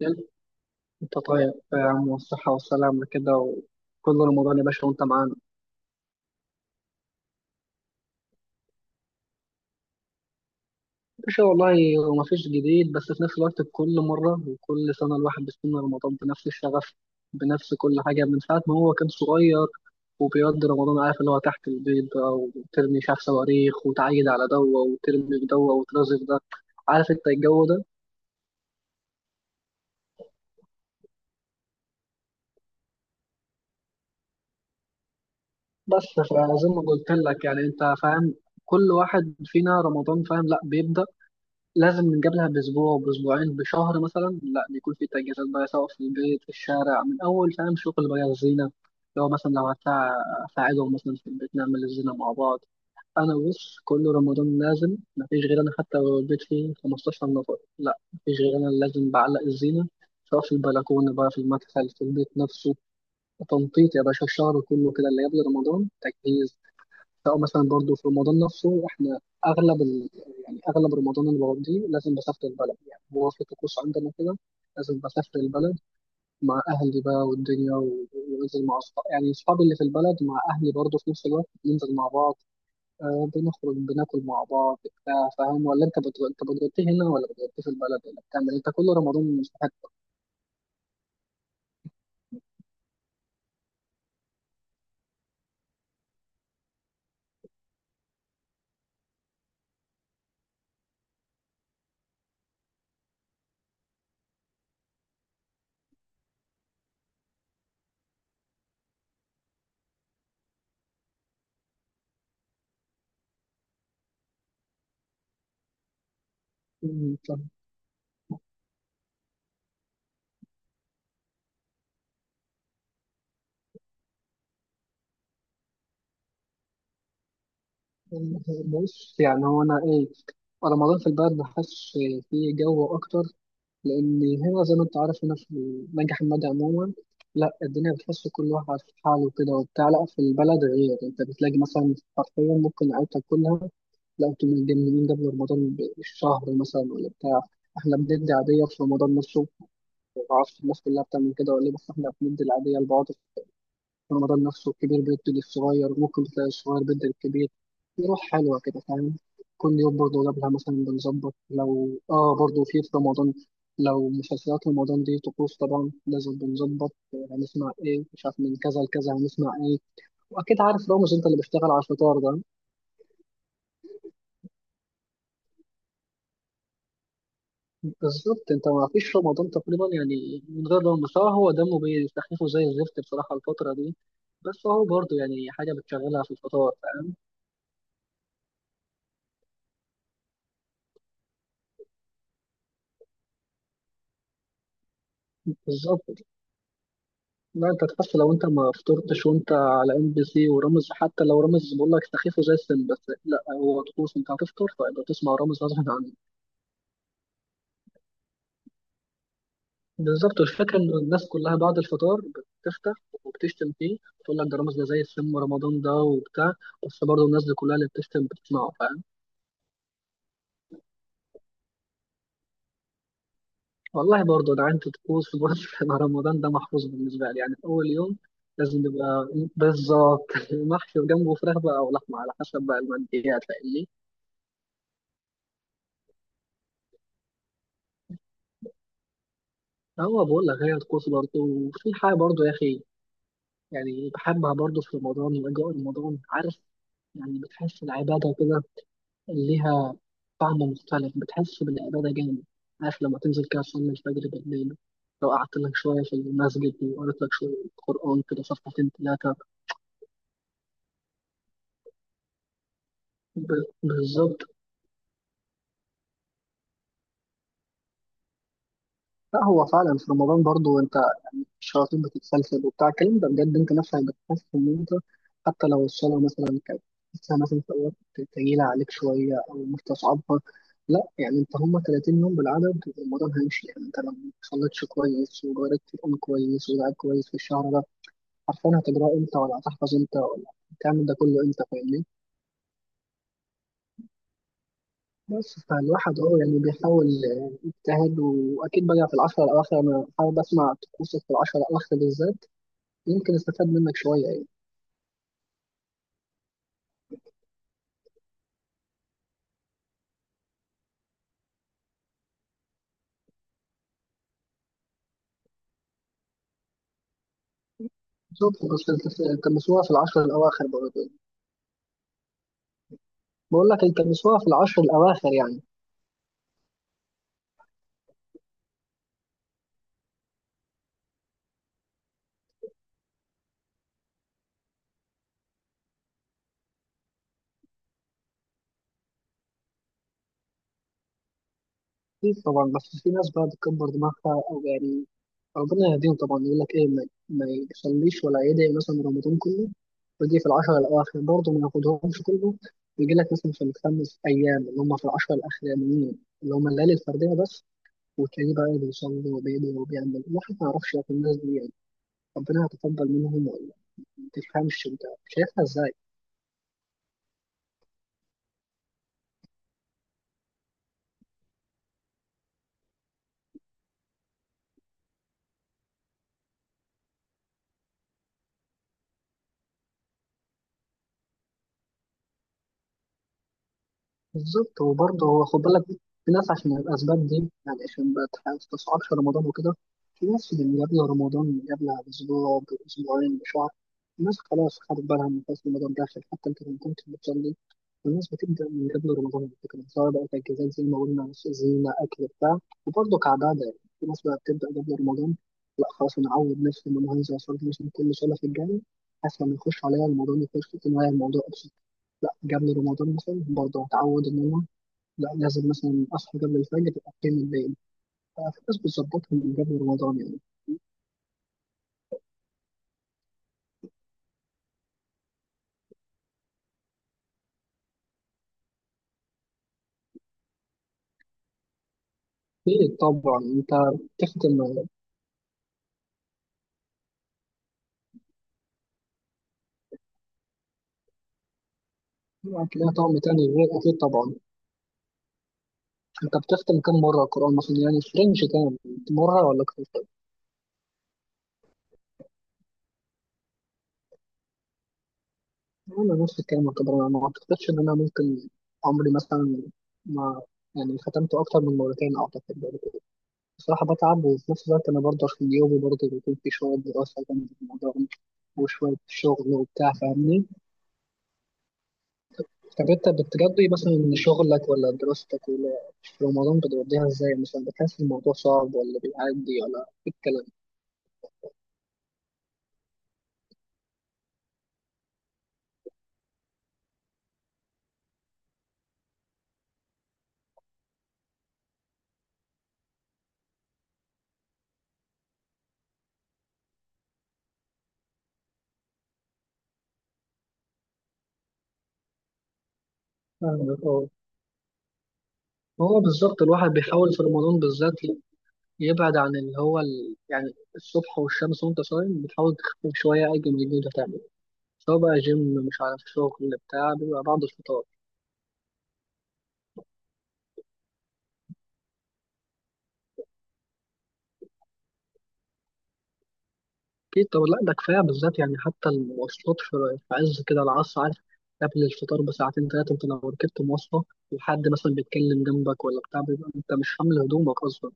يلا، انت طيب يا عم والصحة والسلامة كده، وكل رمضان يا باشا وانت معانا. يا باشا والله هو مفيش جديد، بس في نفس الوقت كل مرة وكل سنة الواحد بيستنى رمضان بنفس الشغف، بنفس كل حاجة من ساعة ما هو كان صغير. وبيقضي رمضان، عارف اللي هو تحت البيض بقى وترمي شاف صواريخ وتعيد على دوة وترمي في دوة وترازف ده، عارف انت الجو ده. بس فزي ما قلت لك يعني انت فاهم، كل واحد فينا رمضان فاهم لا بيبدأ، لازم من قبلها بأسبوع بأسبوعين بشهر مثلا، لا بيكون في تجهيزات بقى، سواء في البيت في الشارع، من أول فاهم شغل بقى الزينة. لو مثلا لو أساعدهم مثلا في البيت نعمل الزينة مع بعض. أنا بص، كل رمضان لازم مفيش غير أنا، حتى لو البيت فيه 15 نفر، لا مفيش غير أنا اللي لازم بعلق الزينة، سواء في البلكونة بقى، في المدخل، في البيت نفسه. تنطيط يا باشا، الشهر كله كده اللي قبل رمضان تجهيز. او مثلا برضو في رمضان نفسه احنا اغلب ال... يعني اغلب رمضان اللي بقضيه لازم بسافر البلد، يعني هو في طقوس عندنا كده، لازم بسافر البلد مع اهلي بقى والدنيا وانزل مع اصحابي، يعني اصحابي اللي في البلد مع اهلي برضو في نفس الوقت بننزل مع بعض. آه، بنخرج بناكل مع بعض بتاع، فاهم؟ ولا انت انت بتغطي هنا ولا بتغطي في البلد ولا بتعمل إيه؟ انت كل رمضان مش في حته. أمم، فاهم. بص يعني هو انا ايه، رمضان في البلد بحس فيه جو اكتر، لأن هنا زي ما أنت عارف هنا في نجح حمادي عموما. لا الدنيا بتحس كل واحد في حاله كده وبتاع، لا في البلد غير أنت بتلاقي مثلا حرفيا ممكن عيلتك كلها، لا أنتوا متجننين قبل رمضان بشهر مثلا ولا بتاع. إحنا بندي عادية في رمضان نفسه، معرفش الناس كلها بتعمل كده ولا إيه، بس إحنا بندي العادية لبعض. رمضان نفسه الكبير بيدي للصغير وممكن تلاقي الصغير بيدي للكبير، في روح حلوة كده فاهم. كل يوم برضه قبلها مثلا بنظبط، لو برضه في رمضان، لو مسلسلات رمضان دي طقوس طبعا لازم بنظبط، هنسمع ايه مش عارف، من كذا لكذا هنسمع ايه. واكيد عارف رامز انت اللي بيشتغل على الفطار ده. بالظبط، انت ما فيش رمضان تقريبا يعني من غير رامز، هو دمه بيستخفه زي الزفت بصراحة الفترة دي، بس هو برضه يعني حاجة بتشغلها في الفطار، فاهم؟ بالظبط، لا انت تحس لو انت ما فطرتش وانت على ام بي سي ورامز، حتى لو رامز بقول لك سخيفه زي السن، بس لا هو طقوس، انت هتفطر فيبقى تسمع رامز غصب عنك. بالظبط، الفكره ان الناس كلها بعد الفطار بتفتح وبتشتم فيه، بتقول لك ده رامز ده زي السم ورمضان ده وبتاع، بس برضه الناس دي كلها اللي بتشتم بتسمعه فاهم. والله برضه ده عندي طقوس برضه مع رمضان، ده محفوظ بالنسبه لي يعني، في اول يوم لازم يبقى بالظبط محشي، وجنبه فراخ بقى او لحمه على حسب بقى، المنديات فاهمني. هو بقول لك هي الطقوس برضه، وفي حاجة برضه يا أخي، يعني بحبها برضه في رمضان وأجواء رمضان، عارف، يعني بتحس العبادة كده ليها طعم مختلف، بتحس بالعبادة جامد، عارف لما تنزل كده تصلي الفجر بالليل، لو قعدت لك شوية في المسجد وقريت لك شوية قرآن كده صفحتين تلاتة. بالظبط، لا هو فعلا في رمضان برضه أنت الشياطين بتتسلسل وبتاع الكلام ده بجد، انت نفسك بتحس ان انت حتى لو الصلاة مثلا كانت لسه مثلا في أوقات تقيلة عليك شوية أو مستصعبها، لا يعني انت هما 30 يوم بالعدد والموضوع هيمشي، يعني انت لو ما صليتش كويس وجربت تقوم كويس ودعيت كويس في الشهر ده، عارفين هتجراه امتى ولا هتحفظ امتى ولا هتعمل ده كله امتى، فاهمني. بس فالواحد يعني بيحاول يجتهد، واكيد بقى في العشرة الاواخر انا حابب اسمع طقوسك في العشرة الاواخر بالذات، يمكن استفاد منك شوية يعني. بالظبط، بس التمسوها في العشر الأواخر برضه يعني. بقول لك التمسوها في العشر الأواخر يعني. أكيد طبعا، بس في ناس بقى بتكبر دماغها أو يعني ربنا يهديهم طبعا، يقول لك إيه ما يصليش ولا يدعي مثلا رمضان كله، ويجي في العشر الأواخر برضه ما ياخدهمش كله، يجي لك مثلا في الخمس أيام اللي هم في العشر الأخرانيين اللي هم الليالي الفردية بس، وتلاقيه بقى بيصلي وبيدعي وبيعمل. الواحد ما يعرفش في الناس دي يعني، ربنا هيتقبل منهم ولا ما تفهمش أنت، شايفها إزاي؟ بالظبط، وبرضه هو خد بالك في ناس عشان الأسباب دي، يعني عشان ما تستصعبش رمضان وكده، في ناس اللي قبل رمضان قبل بأسبوع بأسبوعين بشهر الناس خلاص خدت بالها، من خلاص رمضان داخل حتى أنت لو كنت بتصلي، الناس بتبدأ من قبل رمضان على فكرة، سواء بقى تجهيزات زي ما قلنا زينة أكل بتاع، وبرضه كعبادة يعني في ناس بقى بتبدأ قبل رمضان، لا خلاص أنا أعود نفسي إن أنا هنزل أصلي مثلا كل صلاة في الجامع، أحسن ما يخش عليا رمضان يخش في النهاية الموضوع. لا قبل رمضان مثلا برضه اتعود ان انا، لا لازم مثلا اصحى قبل الفجر اقيم الليل، ففي ناس بتظبطهم من قبل رمضان يعني. اكيد طبعا انت بتختم، هتلاقيها طعم تاني غير، اكيد طبعا. انت بتختم كم مره القران مثلا يعني؟ في رينج تاني، مره ولا اكتر؟ انا نفس الكلام يعتبر، انا ما اعتقدش ان انا ممكن عمري مثلا ما يعني ختمته اكتر من مرتين، اعتقد بصراحة بتعب، وفي نفس الوقت أنا برضه في يومي برضه بيكون في شوية دراسة جنب الموضوع ده، وشوية شغل وبتاع فاهمني؟ طب أنت بتقضي مثلا شغلك ولا دراستك ولا، في رمضان بتقضيها إزاي مثلا؟ بتحس الموضوع صعب ولا بيعدي ولا إيه الكلام؟ فاهمك أه. هو بالظبط الواحد بيحاول في رمضان بالذات يبعد عن اللي هو يعني الصبح والشمس، وأنت صايم بتحاول تخفف شوية أي جنب اللي أنت تعمله، سواء بقى جيم مش عارف شغل بتاع، بيبقى بعد الفطار. أكيد، طب لا ده كفاية بالذات يعني، حتى المواصلات في عز كده العصر، عارف، قبل الفطار بساعتين تلاتة أنت لو ركبت مواصلة وحد مثلا بيتكلم جنبك ولا بتاع، بيبقى أنت مش حامل هدومك أصلا.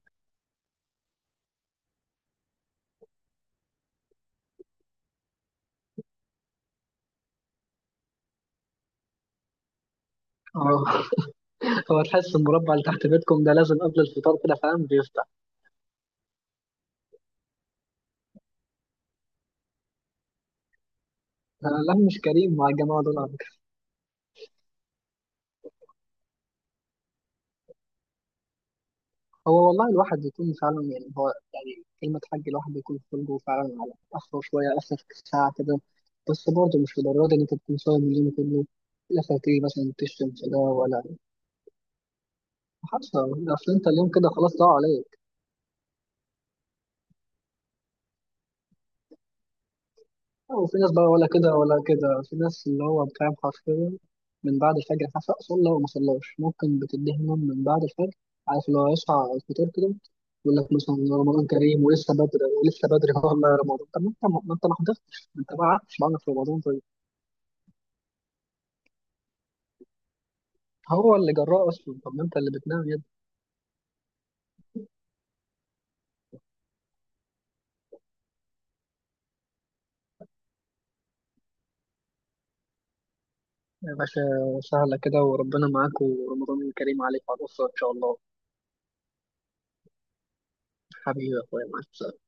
أه هو تحس المربع اللي تحت بيتكم ده لازم قبل الفطار كده فاهم بيفتح. آه، لا مش كريم مع الجماعة دول على فكرة. هو والله الواحد يكون فعلا يعني، هو يعني كلمة حاج الواحد بيكون خلقه فعلا على آخره شوية، آخر ساعة كده، بس برضه مش لدرجة إن أنت تكون صايم اليوم كله، لا فاكر مثلا تشتم في ده ولا حتى، اصل انت اليوم كده خلاص ضاع عليك. وفي ناس بقى ولا كده ولا كده، في ناس اللي هو بتعمل حرفيا من بعد الفجر حتى صلى وما صلاش، ممكن بتديه نوم من بعد الفجر، عارف لو يصحى على الفطور كده يقول لك مثلا رمضان كريم ولسه بدري ولسه بدري والله يا رمضان، طب ما انت ما حضرتش، ما انت ما قعدتش معانا في رمضان، طيب. هو اللي جراه اصلا، طب ما انت اللي بتنام يا ابني. يا باشا، سهله كده وربنا معاك، ورمضان كريم عليك وعلى الاسره ان شاء الله. حبيبي يا اخويا، مع السلامه.